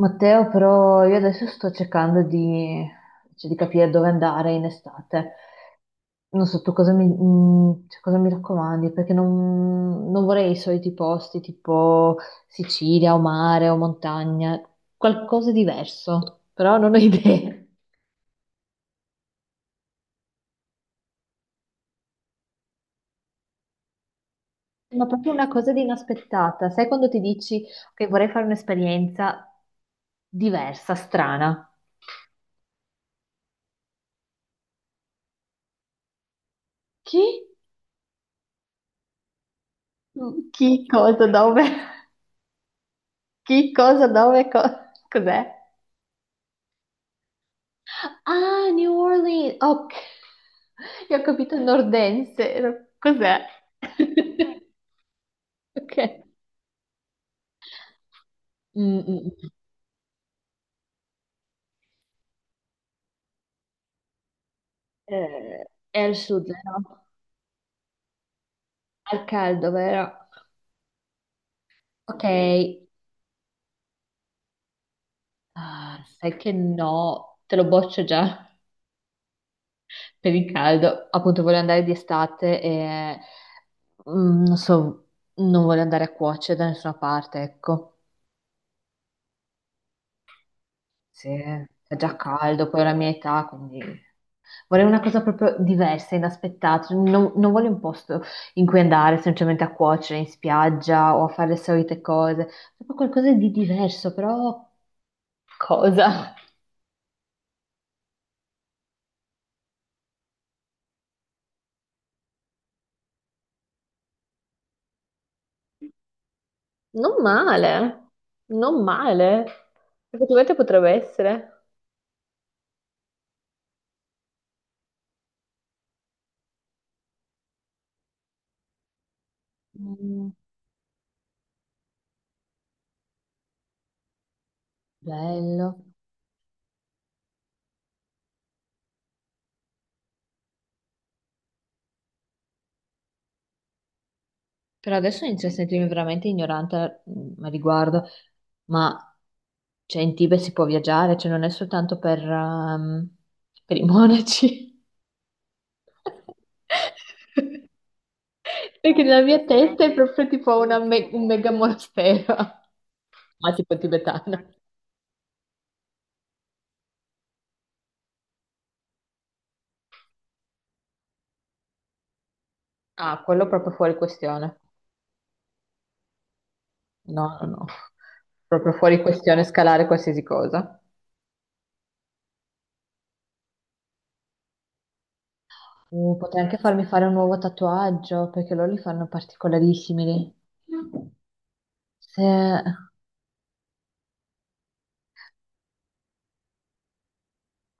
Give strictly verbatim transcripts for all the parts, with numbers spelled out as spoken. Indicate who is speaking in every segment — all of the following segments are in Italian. Speaker 1: Matteo, però io adesso sto cercando di, cioè, di capire dove andare in estate. Non so tu cosa mi, mm, cioè, cosa mi raccomandi, perché non, non vorrei i soliti posti tipo Sicilia o mare o montagna, qualcosa di diverso, però non ho idee. Ma proprio una cosa di inaspettata. Sai quando ti dici che vorrei fare un'esperienza diversa, strana? Chi? Chi cosa dove? Chi cosa dove? co- cos'è? Ah, New Orleans. Ok, io ho capito nordense. Ero- Cos'è? Ok. Mm, mm, mm. Eh, è al sud, vero? Al caldo, vero? Ok. Ah, sai che no, te lo boccio già per il caldo. Appunto, voglio andare di estate e mm, non so, non voglio andare a cuocere da nessuna parte, ecco. Sì, fa già caldo, poi è la mia età, quindi vorrei una cosa proprio diversa, inaspettata. Cioè, Non, non voglio un posto in cui andare semplicemente a cuocere in spiaggia o a fare le solite cose, proprio qualcosa di diverso, però cosa? Non male, non male. Effettivamente potrebbe essere. Mm, bello. Però adesso inizio a sentirmi veramente ignorante mm, a riguardo, ma cioè, in Tibet si può viaggiare, cioè non è soltanto per, ehm, per i monaci. Perché nella mia testa è proprio tipo una me- un mega monastero, ma tipo tibetano. Ah, quello proprio fuori questione. No, no, no. Proprio fuori questione scalare qualsiasi cosa. Uh, potrei anche farmi fare un nuovo tatuaggio, perché loro li fanno particolarissimi lì. Se-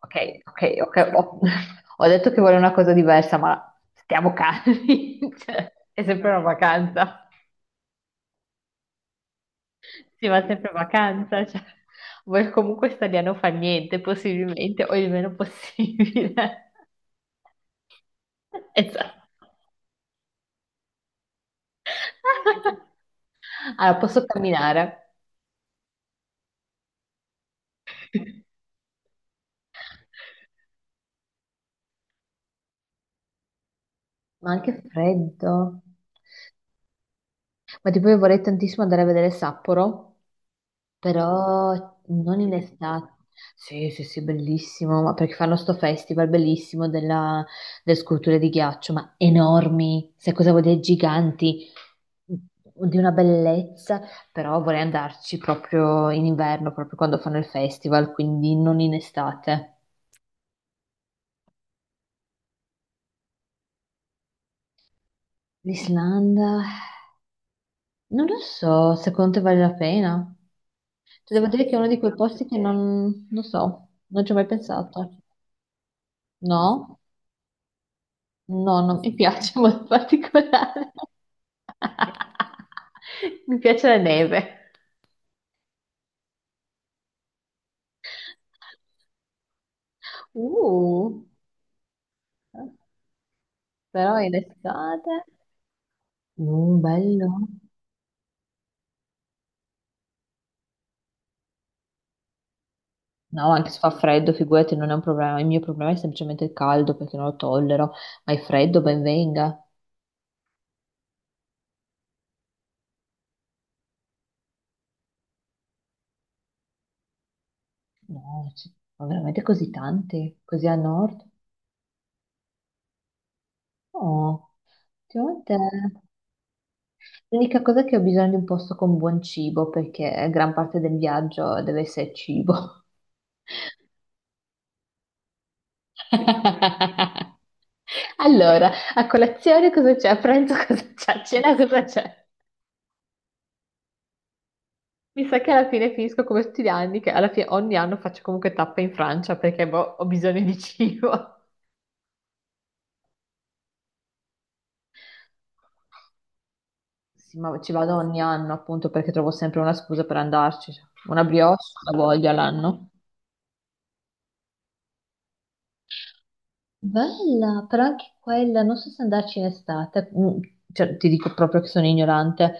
Speaker 1: Ok, ok, ok. Ho, ho detto che voglio una cosa diversa, ma stiamo calmi. Cioè, è sempre una vacanza. Si va sempre in vacanza. Cioè, vuoi comunque stare lì a non fare niente, possibilmente, o il meno possibile. Esatto. Allora, posso camminare, ma anche freddo. Ma tipo, io vorrei tantissimo andare a vedere Sapporo, però non in estate. Sì, sì, sì, bellissimo, ma perché fanno sto festival bellissimo della, delle sculture di ghiaccio, ma enormi, sai cosa vuol dire giganti, mm, di una bellezza, però vorrei andarci proprio in inverno, proprio quando fanno il festival, quindi non in estate. L'Islanda, non lo so, secondo te vale la pena? Ti devo dire che è uno di quei posti che non, non so, non ci ho mai pensato. No? No, non mi piace molto particolare. Mi piace la neve. Uh, però in estate. Uh, bello. No, anche se fa freddo, figurati, non è un problema. Il mio problema è semplicemente il caldo perché non lo tollero, ma il freddo ben venga. No, ci sono veramente così tanti, così a nord. No, ultimamente l'unica cosa è che ho bisogno di un posto con buon cibo perché gran parte del viaggio deve essere cibo. Allora, a colazione cosa c'è? A pranzo cosa c'è? A cena cosa c'è? Mi sa che alla fine finisco come tutti gli anni, che alla fine ogni anno faccio comunque tappe in Francia perché boh, ho bisogno di cibo. Sì, ma ci vado ogni anno appunto perché trovo sempre una scusa per andarci. Una brioche, la voglia l'anno. Bella, però anche quella, non so se andarci in estate. Mm, cioè, ti dico proprio che sono ignorante,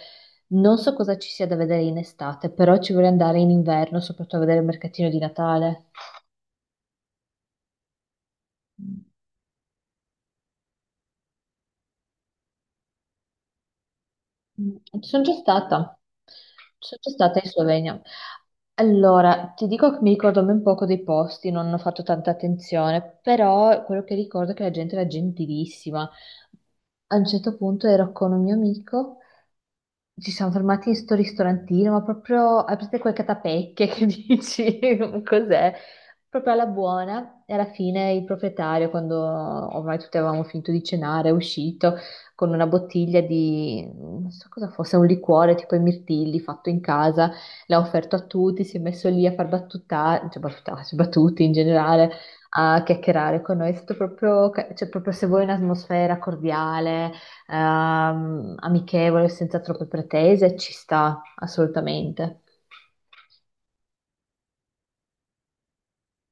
Speaker 1: non so cosa ci sia da vedere in estate, però ci vorrei andare in inverno, soprattutto a vedere il mercatino di Natale. Mm, Ci sono già stata, ci sono già stata in Slovenia. Allora, ti dico che mi ricordo ben poco dei posti, non ho fatto tanta attenzione, però quello che ricordo è che la gente era gentilissima. A un certo punto ero con un mio amico. Ci siamo fermati in sto ristorantino, ma proprio, hai presente quelle catapecchie che dici, cos'è? Proprio alla buona, e alla fine il proprietario, quando ormai tutti avevamo finito di cenare, è uscito con una bottiglia di, non so cosa fosse, un liquore tipo i mirtilli fatto in casa, l'ha offerto a tutti, si è messo lì a far battuta, cioè battutarsi, battuti in generale, a chiacchierare con noi, è stato proprio, ca- cioè proprio se vuoi un'atmosfera cordiale ehm, amichevole, senza troppe pretese, ci sta assolutamente.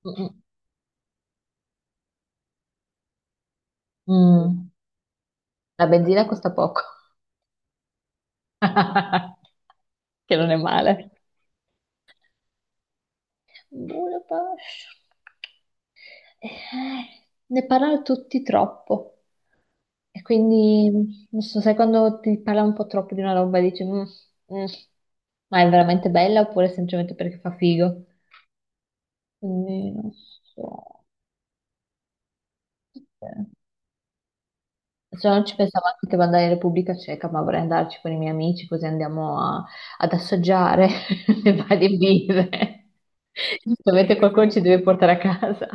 Speaker 1: Mm, mm. Mm. La benzina costa poco, che non è male. Budapest. Eh, ne parlano tutti troppo. E quindi, non so, sai quando ti parla un po' troppo di una roba e dici, "Mm, mm, ma è veramente bella oppure semplicemente perché fa figo? Quindi, non so. Cioè, non ci pensavo anche che andare in Repubblica Ceca, ma vorrei andarci con i miei amici così andiamo a- ad assaggiare le varie birre. Giustamente qualcuno ci deve portare a casa.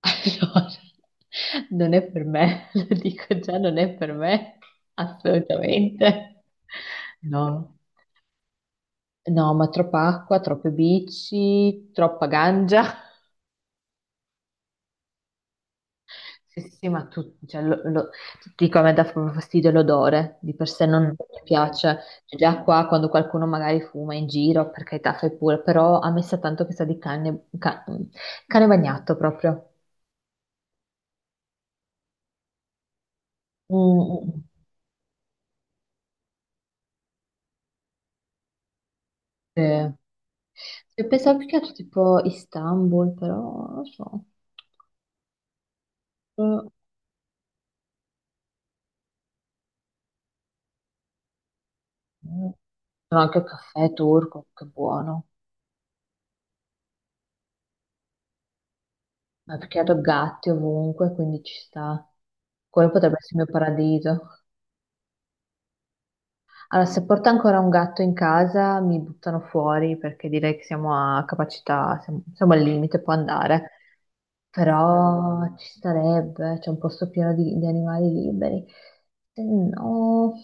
Speaker 1: Allora, non è per me, lo dico già, non è per me, assolutamente. No, no, ma troppa acqua, troppe bici, troppa ganja. Sì, sì, sì, ma tu, cioè, lo- lo- ti dico, a me dà proprio fastidio l'odore, di per sé non mi piace. Cioè, già qua, quando qualcuno magari fuma in giro, per carità, fai pure, però a me sa tanto che sa di cane, ca- cane bagnato proprio. Mm, mm, mm. Sì. Sì, pensavo più che altro tipo Istanbul, però non lo so. Mm. Sono anche il caffè turco, che buono. Ma perché ho gatti ovunque, quindi ci sta. Quello potrebbe essere il mio paradiso. Allora, se porto ancora un gatto in casa mi buttano fuori perché direi che siamo a capacità, siamo, siamo al limite, può andare. Però ci starebbe, c'è un posto pieno di, di animali liberi. Se no,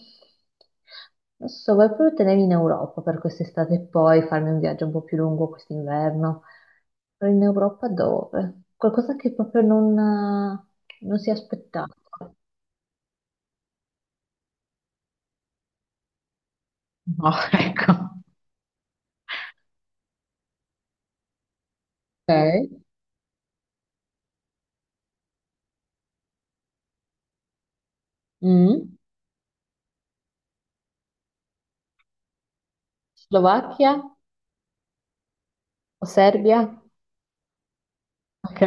Speaker 1: non so, vuoi proprio tenermi in Europa per quest'estate e poi farmi un viaggio un po' più lungo quest'inverno? Però in Europa dove? Qualcosa che proprio non, eh, non si aspettava. No, ecco. Ok. Mm. Slovacchia o Serbia? Ok.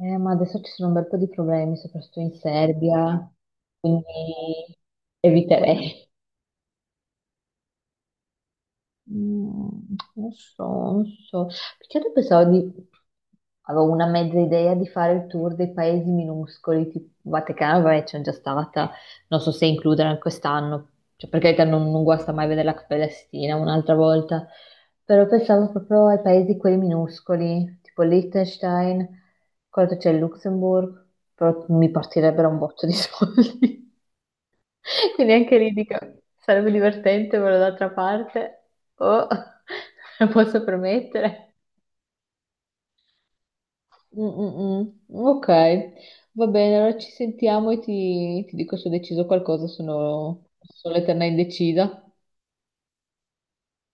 Speaker 1: Eh, ma adesso ci sono un bel po' di problemi, soprattutto in Serbia, quindi eviterei. Mm, non so, non so. Perché io pensavo di... Avevo una mezza idea di fare il tour dei paesi minuscoli, tipo Vaticano, vabbè, c'è già stata, non so se includere anche quest'anno, cioè per carità non, non guasta mai vedere la Palestina un'altra volta, però pensavo proprio ai paesi quelli minuscoli, tipo Liechtenstein, quello che c'è il Luxemburgo, però mi partirebbero un botto di soldi. Quindi anche lì dico, sarebbe divertente, però d'altra parte, oh, lo posso promettere. Mm, mm, mm. Ok, va bene, allora ci sentiamo e ti, ti dico se ho deciso qualcosa, sono, sono l'eterna indecisa.